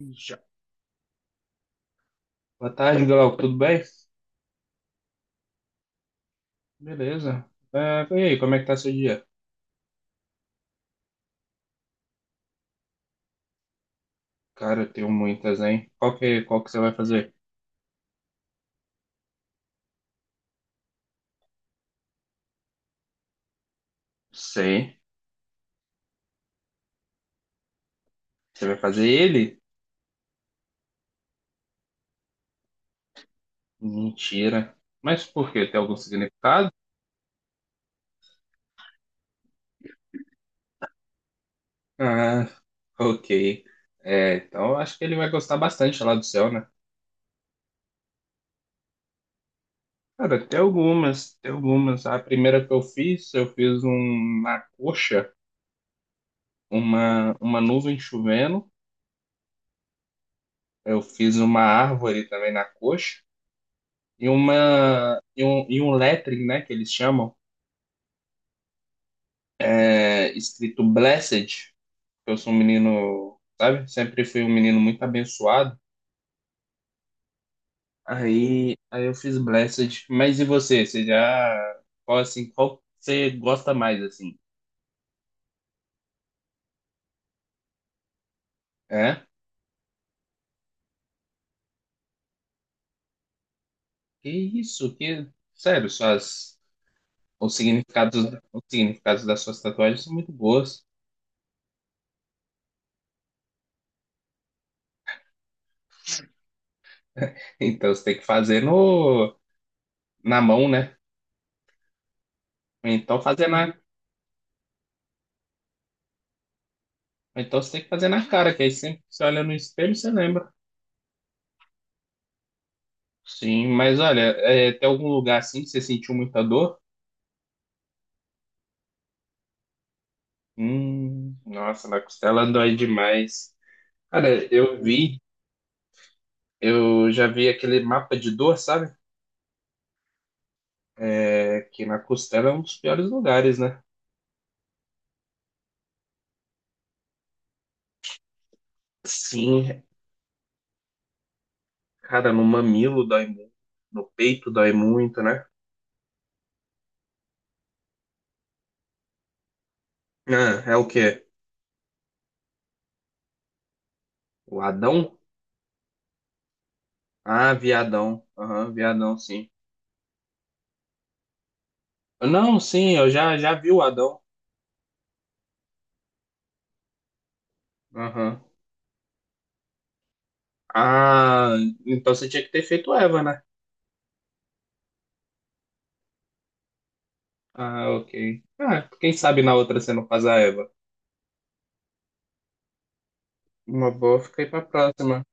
Já. Boa tarde, Glauco. Tudo bem? Beleza. E aí, como é que tá seu dia? Cara, eu tenho muitas, hein? Qual que você vai fazer? Sei. Você vai fazer ele? Mentira. Mas por quê? Tem algum significado? Ah, ok. É, então eu acho que ele vai gostar bastante lá do céu, né? Cara, tem algumas. A primeira que eu fiz um, na coxa, uma nuvem chovendo. Eu fiz uma árvore também na coxa. E um lettering, né, que eles chamam, escrito Blessed. Eu sou um menino, sabe? Sempre fui um menino muito abençoado. Aí eu fiz Blessed. Mas e você? Qual você gosta mais assim? É? Que isso? Que sério, suas os significados, os significados das suas tatuagens são muito boas. Então você tem que fazer no na mão, né? Ou então fazer na, ou então você tem que fazer na cara, que aí sempre que você olha no espelho, você lembra. Sim, mas olha, tem algum lugar assim que você sentiu muita dor? Nossa, na costela dói demais. Cara, eu já vi aquele mapa de dor, sabe? É, que na costela é um dos piores lugares, né? Sim, cara, no mamilo dói muito, no peito dói muito, né? Ah, é o quê? O Adão? Ah, viadão. Aham, viadão, sim. Não, sim, já vi o Adão. Aham. Ah, então você tinha que ter feito Eva, né? Ah, ok. Ah, quem sabe na outra você não faz a Eva. Uma boa, fica aí pra próxima.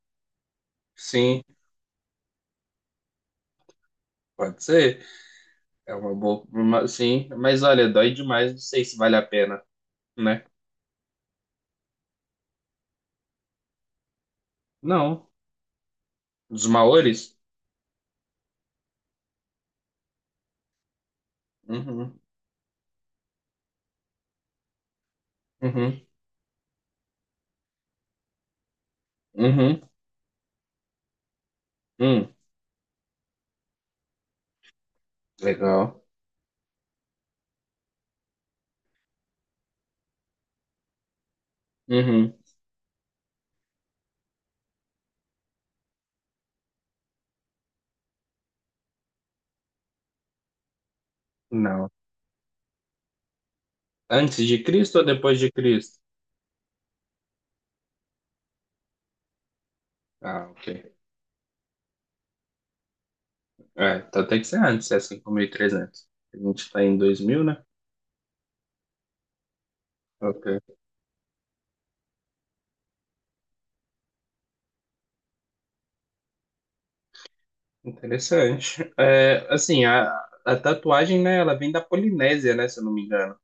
Sim, pode ser. É uma boa. Uma- sim, mas olha, dói demais, não sei se vale a pena, né? Não. Dos Maores? Uhum, uhum, uhum, hum, legal. Uhum, não. Antes de Cristo ou depois de Cristo? Ah, ok. É, então tem que ser antes, é 5.300. A gente tá em 2000, né? Ok. Interessante. A tatuagem, né, ela vem da Polinésia, né, se eu não me engano.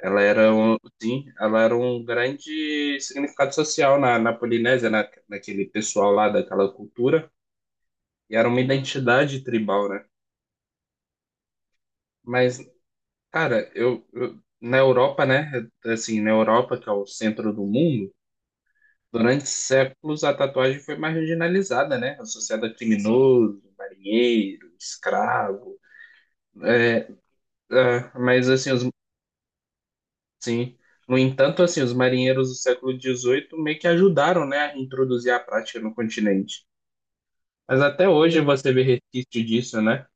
Ela era um, sim, ela era um grande significado social na Polinésia, naquele pessoal lá daquela cultura, e era uma identidade tribal, né? Mas, cara, na Europa, né, assim, na Europa, que é o centro do mundo, durante séculos a tatuagem foi marginalizada, né, associada a criminoso, marinheiro, escravo, é, mas assim, os sim. No entanto, assim, os marinheiros do século 18 meio que ajudaram, né, a introduzir a prática no continente. Mas até hoje você vê resquício disso, né?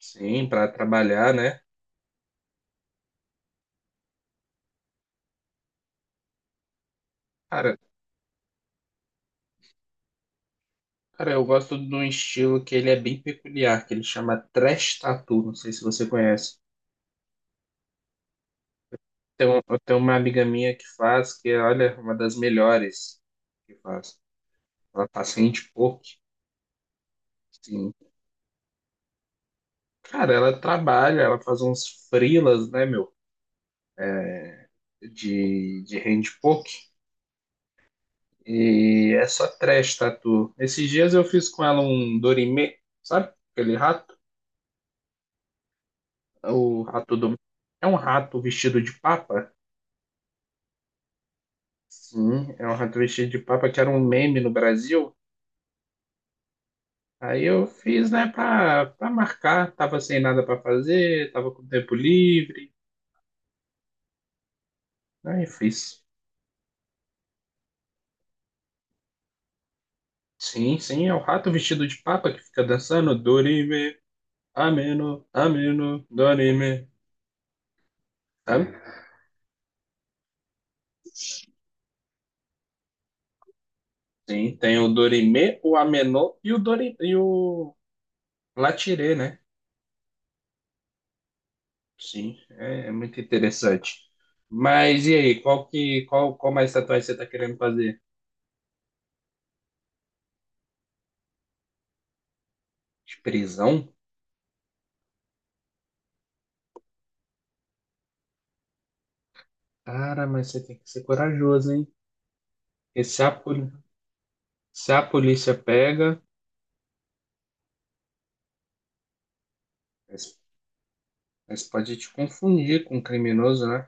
Sim, para trabalhar, né? Cara, cara, eu gosto de um estilo que ele é bem peculiar, que ele chama trash tattoo, não sei se você conhece. Tem um, eu tenho uma amiga minha que faz, que olha, é uma das melhores que faz. Ela faz handpoke, sim. Cara, ela trabalha, ela faz uns freelas, né, meu, de handpoke. E essa trash tatu. Esses dias eu fiz com ela um Dorime, sabe? Aquele rato. O rato do. É um rato vestido de papa? Sim, é um rato vestido de papa que era um meme no Brasil. Aí eu fiz, né, pra marcar. Tava sem nada pra fazer, tava com tempo livre. Aí fiz. Sim, é o rato vestido de papa que fica dançando Dorime, Ameno, Ameno, Dorime. Sabe? Sim, tem o Dorime, o Ameno e o Dorime, e o Latirê, né? Sim, é muito interessante. Mas e aí, qual mais tatuagem você tá querendo fazer? De prisão? Cara, mas você tem que ser corajoso, hein? Porque se a, poli- Se a polícia pega, mas, mas pode te confundir com um criminoso, né?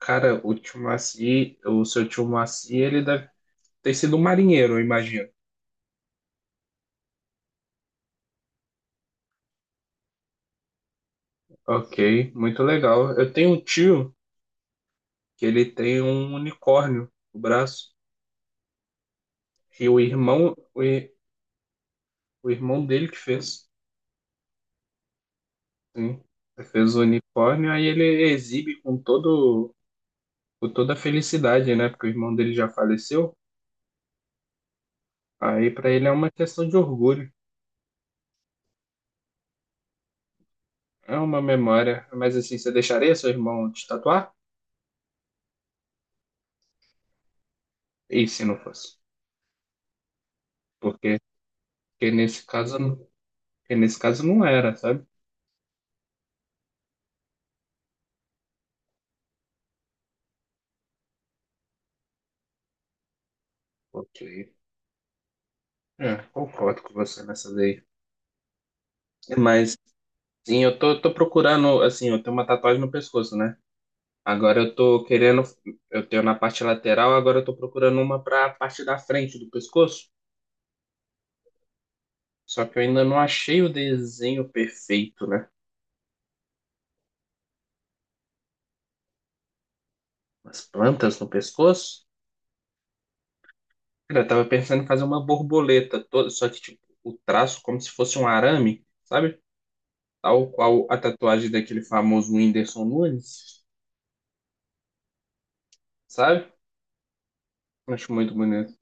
Cara, o seu tio Maci, ele deve ter sido um marinheiro, eu imagino. Ok, muito legal. Eu tenho um tio que ele tem um unicórnio no braço. E o irmão, O irmão dele que fez, sim. Ele fez o unicórnio, aí ele exibe com todo, com toda a felicidade, né? Porque o irmão dele já faleceu. Aí pra ele é uma questão de orgulho, é uma memória. Mas assim, você deixaria seu irmão te tatuar? E se não fosse? Porque, porque nesse caso, não- porque nesse caso não era, sabe? Ok. É, concordo com você nessa daí. Mas, sim, tô procurando, assim, eu tenho uma tatuagem no pescoço, né? Agora eu tô querendo, eu tenho na parte lateral, agora eu tô procurando uma para a parte da frente do pescoço. Só que eu ainda não achei o desenho perfeito, né? As plantas no pescoço. Cara, eu tava pensando em fazer uma borboleta toda, só que tipo, o traço como se fosse um arame, sabe? Tal qual a tatuagem daquele famoso Whindersson Nunes, sabe? Acho muito bonito.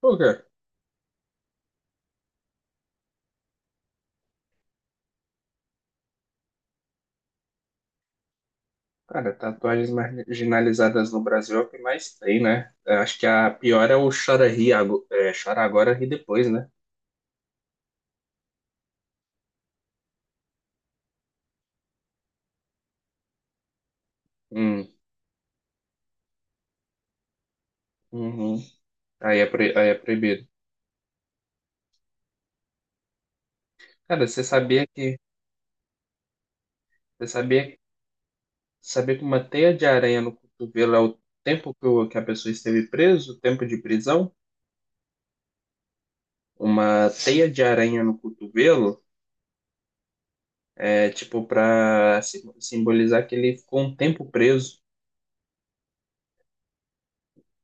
Por quê? Cara, tatuagens marginalizadas no Brasil é o que mais tem, né? Eu acho que a pior é o chora agora, ri depois, né? Hum, uhum. Aí é, pro- aí é proibido. Cara, você sabia que você sabia, sabia que uma teia de aranha no cotovelo é o tempo que, o- que a pessoa esteve preso, o tempo de prisão? Uma teia de aranha no cotovelo é tipo para simbolizar que ele ficou um tempo preso.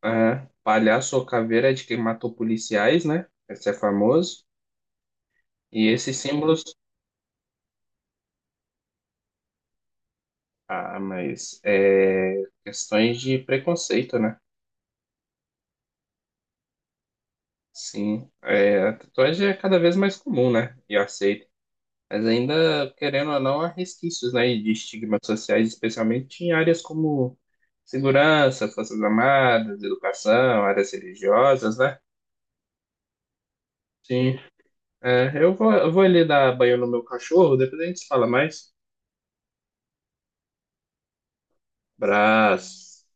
Ah, palhaço ou caveira é de quem matou policiais, né? Esse é famoso. E esses símbolos, ah, mas é questões de preconceito, né? Sim, é, a tatuagem é cada vez mais comum, né? E aceita. Mas ainda, querendo ou não, há resquícios, né, de estigmas sociais, especialmente em áreas como segurança, forças armadas, educação, áreas religiosas, né? Sim, é, eu vou ali dar banho no meu cachorro, depois a gente fala mais. Abraço.